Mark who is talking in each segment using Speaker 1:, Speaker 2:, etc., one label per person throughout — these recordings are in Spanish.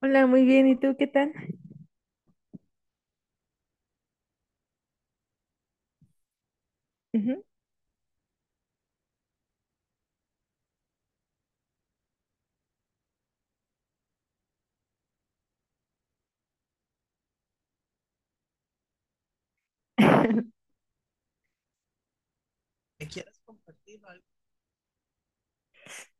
Speaker 1: Hola, muy bien. ¿Y tú qué tal? Ujú.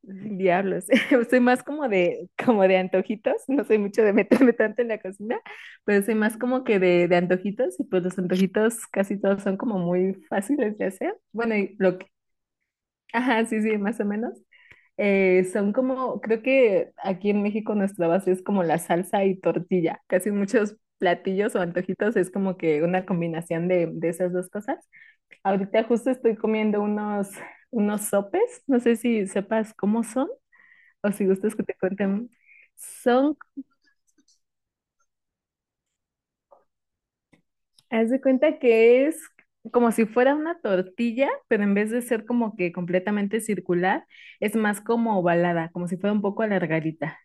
Speaker 1: Diablos. Soy más como de antojitos. No soy mucho de meterme tanto en la cocina, pero soy más como que de antojitos. Y pues los antojitos casi todos son como muy fáciles de hacer. Bueno, y lo que. Ajá, sí, sí, más o menos. Son como, creo que aquí en México nuestra base es como la salsa y tortilla. Casi muchos platillos o antojitos es como que una combinación de esas dos cosas. Ahorita justo estoy comiendo unos sopes. No sé si sepas cómo son o si gustas que te cuenten. Son, haz de cuenta que es como si fuera una tortilla, pero en vez de ser como que completamente circular, es más como ovalada, como si fuera un poco alargadita.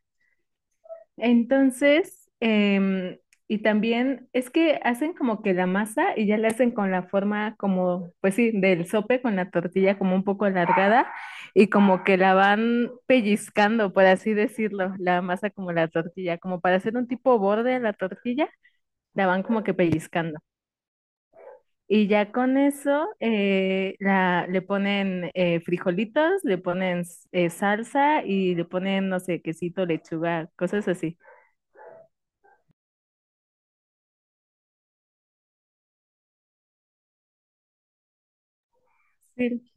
Speaker 1: Entonces, y también es que hacen como que la masa y ya la hacen con la forma como, pues sí, del sope con la tortilla como un poco alargada y como que la van pellizcando, por así decirlo, la masa como la tortilla, como para hacer un tipo borde a la tortilla, la van como que pellizcando. Y ya con eso le ponen frijolitos, le ponen salsa y le ponen, no sé, quesito, lechuga, cosas así. Sí.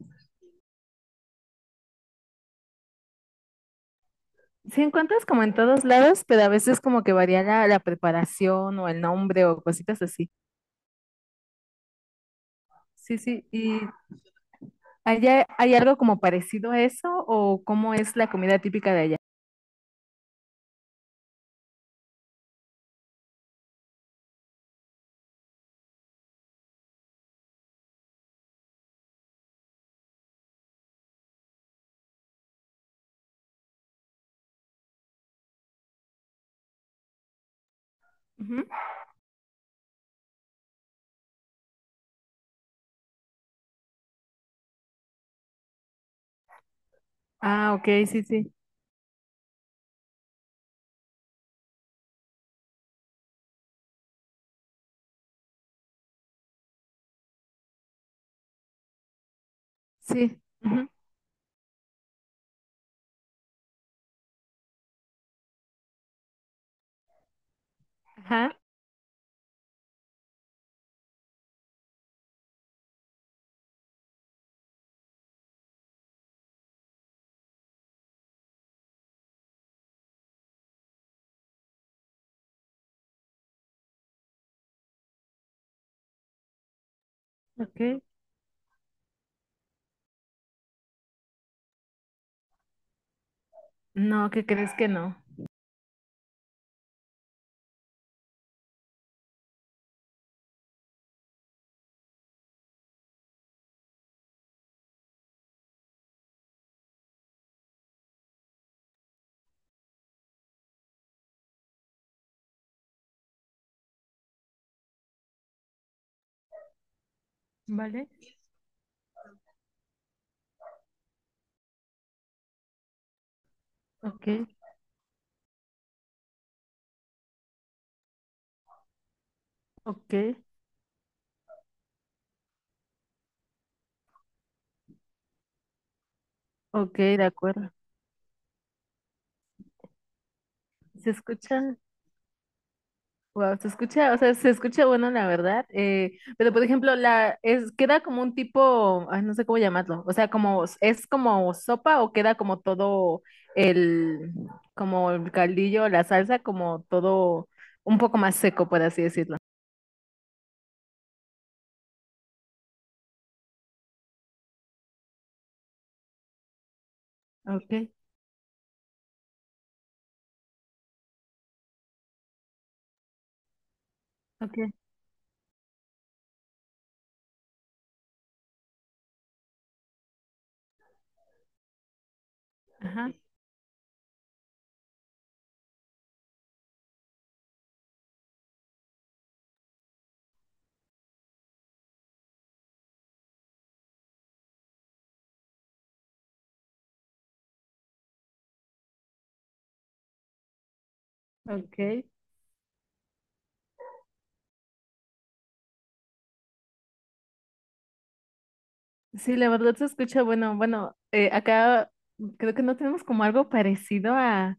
Speaker 1: Sí encuentras como en todos lados, pero a veces como que varía la preparación o el nombre o cositas así. Sí, sí. ¿Y allá hay algo como parecido a eso o cómo es la comida típica de allá? Ujú. Ah, ok, sí, sí. Sí. Ujú. Ajá, ok. No, ¿qué crees que no? Vale, ok, ok, ok, de acuerdo. Se escucha, Wow, se escucha, o sea, se escucha bueno, la verdad. Pero por ejemplo, la es queda como un tipo, ay, no sé cómo llamarlo. O sea, como es como sopa o queda como todo el, como el caldillo, la salsa, como todo un poco más seco, por así decirlo. Okay, okay, ajá, okay. Sí, la verdad se escucha bueno. Bueno, acá creo que no tenemos como algo parecido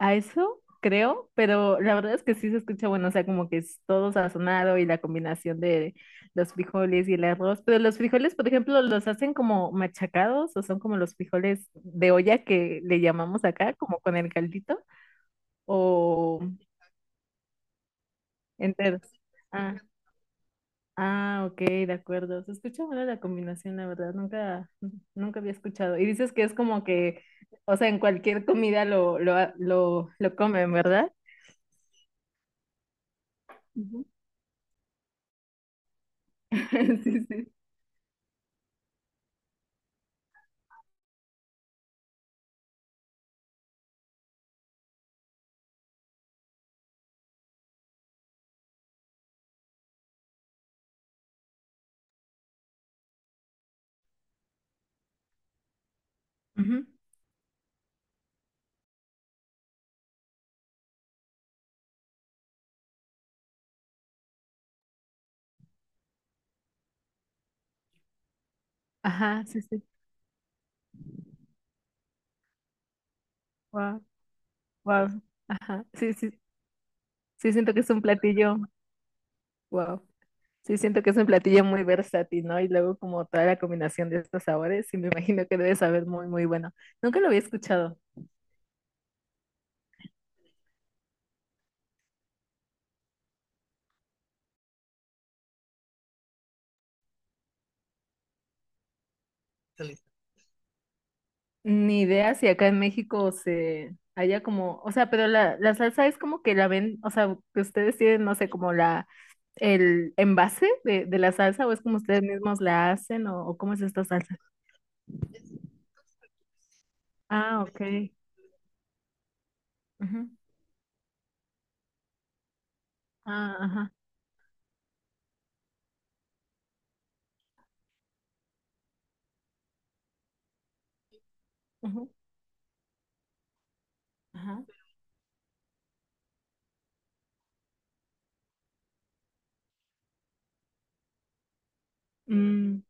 Speaker 1: a eso, creo, pero la verdad es que sí se escucha bueno, o sea, como que es todo sazonado y la combinación de los frijoles y el arroz, pero los frijoles, por ejemplo, los hacen como machacados o son como los frijoles de olla que le llamamos acá, como con el caldito o enteros. Ah, ah, ok, de acuerdo. Se escucha bueno la combinación, la verdad, nunca, nunca había escuchado. Y dices que es como que, o sea, en cualquier comida lo comen, ¿verdad? Ujú. Sí, sí. Ujú. Ajá, sí, sí. Wow, wow. Ajá, sí, sí. Sí, siento que es un platillo. Wow. Sí, siento que es un platillo muy versátil, ¿no? Y luego como toda la combinación de estos sabores, sí me imagino que debe saber muy, muy bueno. Nunca lo había escuchado. Ni idea si acá en México se haya como, o sea, pero la salsa es como que la ven, o sea, que ustedes tienen, no sé, como el envase de la salsa, o es como ustedes mismos la hacen, o cómo es esta salsa. Ah, ok. Ujú. Ah, ajá. Ajá. Mm,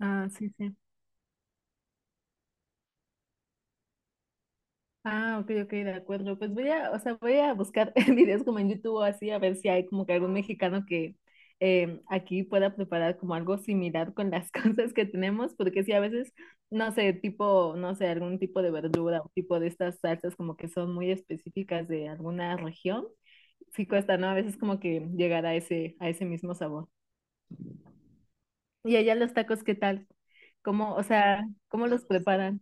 Speaker 1: ah, sí, sí. Ah, ok, ok, de acuerdo. Pues voy a, o sea, voy a buscar videos como en YouTube o así, a ver si hay como que algún mexicano que aquí pueda preparar como algo similar con las cosas que tenemos, porque sí, a veces, no sé, tipo, no sé, algún tipo de verdura o tipo de estas salsas como que son muy específicas de alguna región, sí cuesta, ¿no? A veces como que llegar a ese mismo sabor. Y allá los tacos, ¿qué tal? ¿Cómo, o sea, cómo los preparan?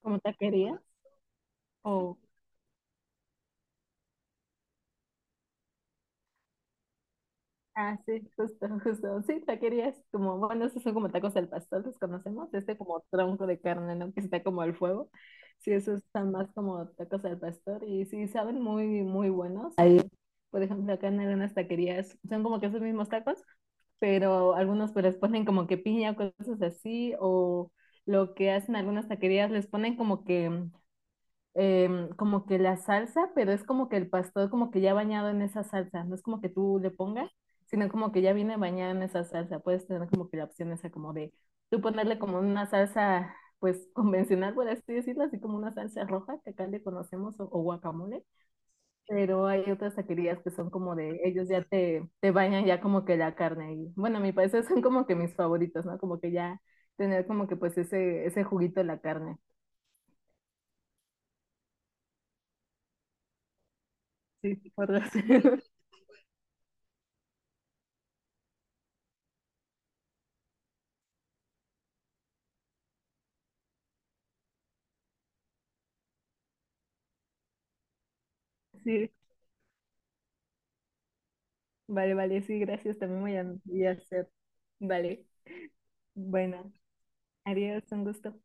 Speaker 1: ¿Como taquerías? ¿O Ah, sí, justo, justo. Sí, taquerías como, bueno, esos son como tacos al pastor, los conocemos, este como tronco de carne, ¿no? Que está como al fuego. Sí, esos están más como tacos al pastor y sí, saben muy, muy buenos. Ahí, por ejemplo, acá en algunas taquerías son como que esos mismos tacos, pero algunos pues les ponen como que piña, cosas así, o lo que hacen algunas taquerías les ponen como que como que la salsa, pero es como que el pastor como que ya bañado en esa salsa, no es como que tú le pongas, sino como que ya viene bañado en esa salsa, puedes tener como que la opción esa como de tú ponerle como una salsa pues convencional, por así decirlo, así como una salsa roja que acá le conocemos o guacamole, pero hay otras taquerías que son como de ellos ya te bañan ya como que la carne y bueno, a mi parecer son como que mis favoritos, ¿no? Como que ya tener como que pues ese juguito de la carne. Sí, sí, podrás. Sí. Vale, vale, sí, gracias. También voy a hacer. Vale. Bueno, adiós, un gusto.